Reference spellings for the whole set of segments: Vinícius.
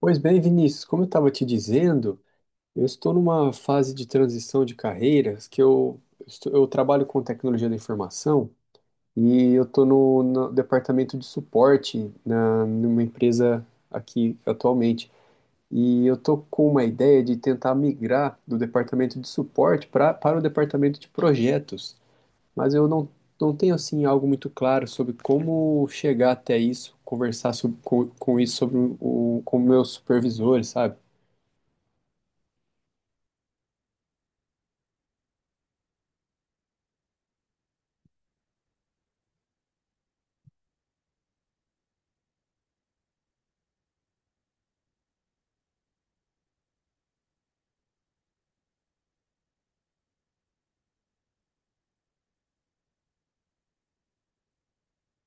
Pois bem, Vinícius, como eu estava te dizendo, eu estou numa fase de transição de carreiras que eu trabalho com tecnologia da informação e eu estou no departamento de suporte numa empresa aqui atualmente. E eu estou com uma ideia de tentar migrar do departamento de suporte para o departamento de projetos, mas eu não, não tenho assim algo muito claro sobre como chegar até isso, conversar com isso com o meu supervisor, sabe?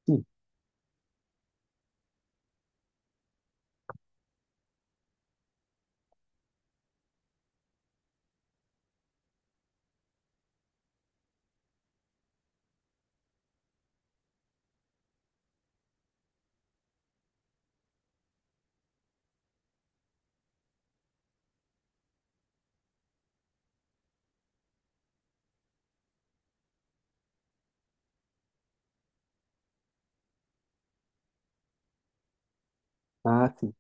Sim. Ah, sim.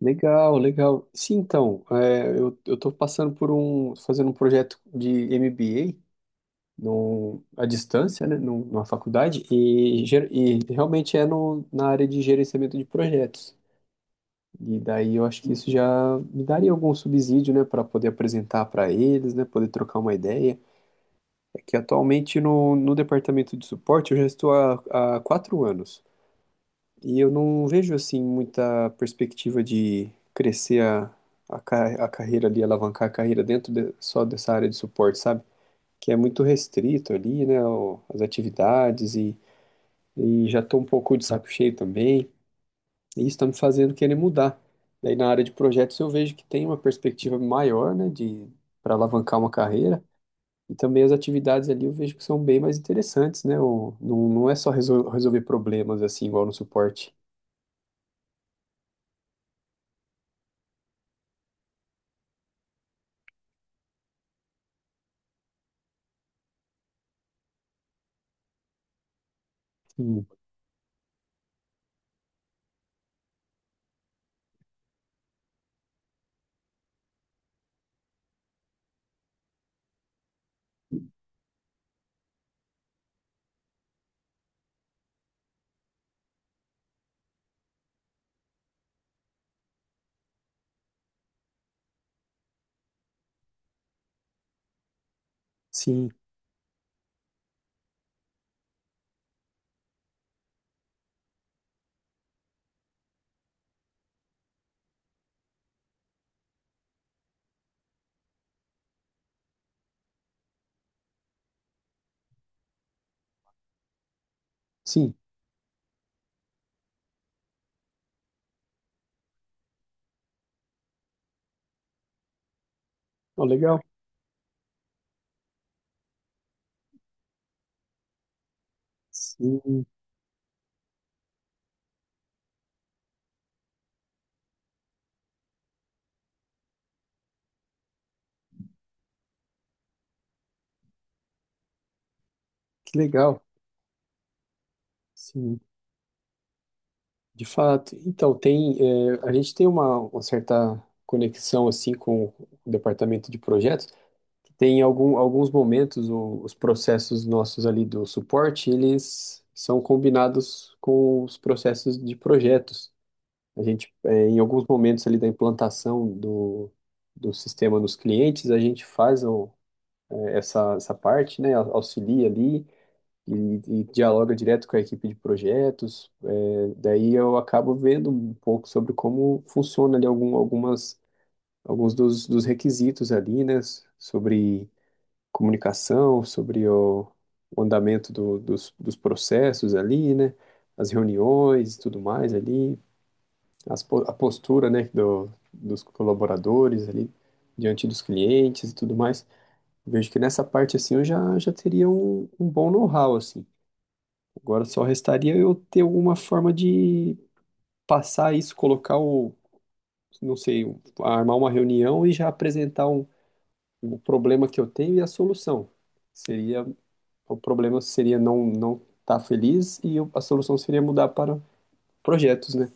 Legal, legal. Sim, então, é, eu tô passando por fazendo um projeto de MBA à distância, né, numa faculdade, e, e realmente é no, na área de gerenciamento de projetos. E daí eu acho que isso já me daria algum subsídio, né, para poder apresentar para eles, né, poder trocar uma ideia. É que atualmente no departamento de suporte eu já estou há 4 anos. E eu não vejo assim muita perspectiva de crescer a carreira ali, alavancar a carreira dentro de- só dessa área de suporte, sabe? Que é muito restrito ali, né? As atividades e já tô um pouco de saco cheio também. E isso tá me fazendo querer mudar. Daí na área de projetos eu vejo que tem uma perspectiva maior, né? De para alavancar uma carreira. E também as atividades ali eu vejo que são bem mais interessantes, né? O, não, é só resolver problemas assim, igual no suporte. Sim. Sim, sim, ó, legal. Sim, que legal. Sim, de fato. Então, tem, a gente tem uma certa conexão assim com o departamento de projetos, que tem alguns momentos os processos nossos ali do suporte, eles são combinados com os processos de projetos. A gente, em alguns momentos ali da implantação do sistema nos clientes, a gente faz essa parte, né, auxilia ali e, e dialoga direto com a equipe de projetos. É, daí eu acabo vendo um pouco sobre como funciona ali alguns dos requisitos ali, né? Sobre comunicação, o andamento dos processos ali, né? As reuniões e tudo mais ali, a postura, né, dos colaboradores ali diante dos clientes e tudo mais. Vejo que nessa parte assim eu já teria um bom know-how assim. Agora só restaria eu ter alguma forma de passar isso, colocar o, não sei, o- armar uma reunião e já apresentar o problema que eu tenho e a solução. Seria, o problema seria não estar feliz a solução seria mudar para projetos, né?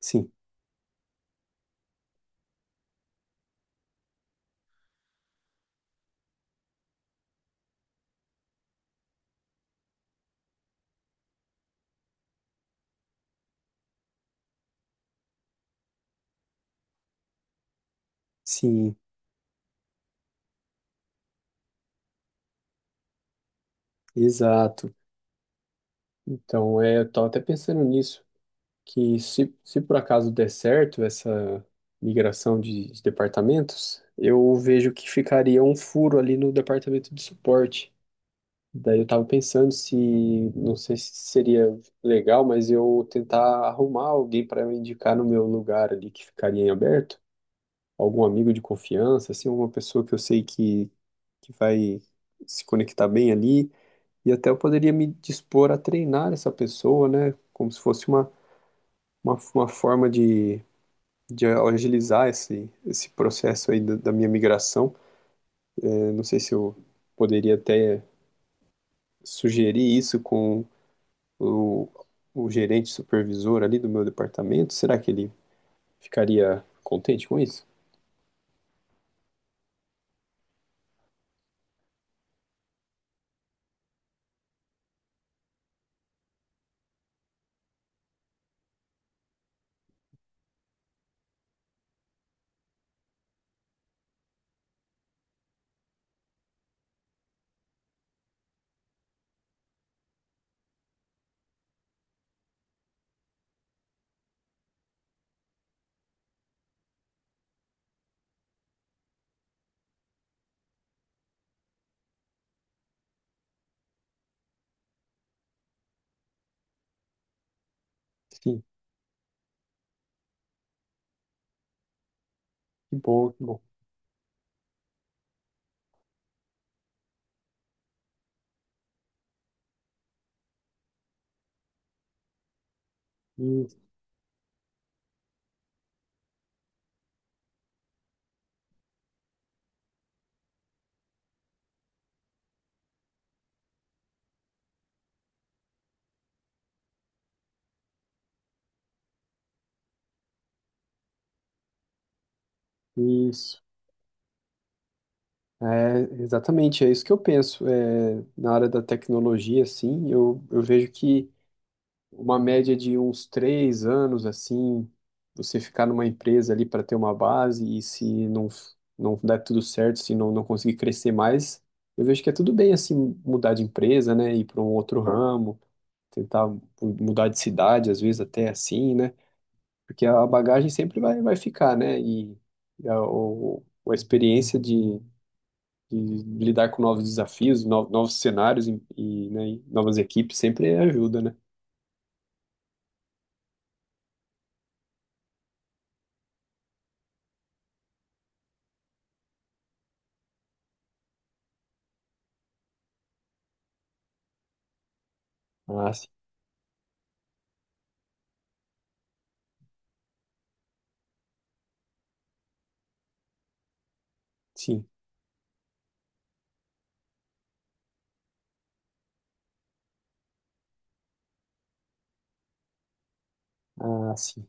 Sim, sim, exato. Então, é, eu estava até pensando nisso, que se por acaso der certo essa migração de departamentos, eu vejo que ficaria um furo ali no departamento de suporte. Daí eu tava pensando se, não sei se seria legal, mas eu tentar arrumar alguém para me indicar no meu lugar ali que ficaria em aberto, algum amigo de confiança, assim, uma pessoa que eu sei que vai se conectar bem ali, e até eu poderia me dispor a treinar essa pessoa, né, como se fosse uma forma de agilizar esse processo aí da minha migração. Eu não sei se eu poderia até sugerir isso o, o gerente supervisor ali do meu departamento, será que ele ficaria contente com isso? Sim, que bom, que bom. Isso, isso. É, exatamente, é isso que eu penso. É, na área da tecnologia, assim, eu vejo que uma média de uns 3 anos, assim, você ficar numa empresa ali para ter uma base e se não der tudo certo, se não conseguir crescer mais, eu vejo que é tudo bem, assim, mudar de empresa, né, ir para um outro ramo. Tentar mudar de cidade, às vezes até assim, né? Porque a bagagem sempre vai, vai ficar, né? E, a, o, a experiência de lidar com novos desafios, novos cenários e, né, e novas equipes sempre ajuda, né? Ah, sim. Sim. Ah, sim.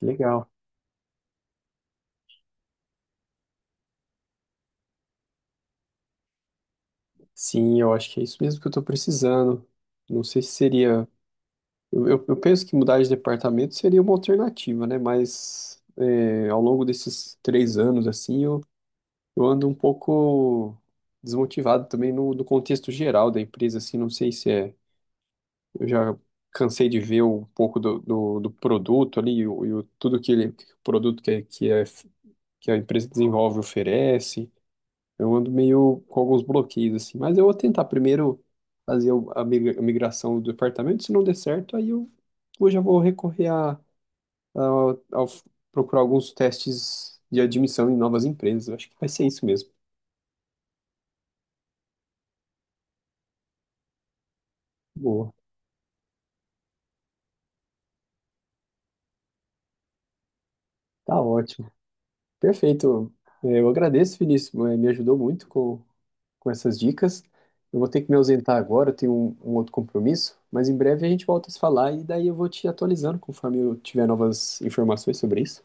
Legal. Sim, eu acho que é isso mesmo que eu estou precisando. Não sei se seria. Eu penso que mudar de departamento seria uma alternativa, né? Mas é, ao longo desses 3 anos, assim, eu ando um pouco desmotivado também no contexto geral da empresa, assim, não sei se é. Eu já cansei de ver um pouco do produto ali, o produto que a empresa desenvolve oferece. Eu ando meio com alguns bloqueios, assim, mas eu vou tentar primeiro fazer a migração do departamento, se não der certo, eu já vou recorrer ao- procurar alguns testes de admissão em novas empresas. Eu acho que vai ser isso mesmo. Boa, tá ótimo. Perfeito. É, eu agradeço, Vinícius. Me ajudou muito com essas dicas. Eu vou ter que me ausentar agora, eu tenho um outro compromisso, mas em breve a gente volta a se falar e daí eu vou te atualizando conforme eu tiver novas informações sobre isso.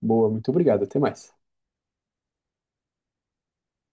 Boa, muito obrigado. Até mais.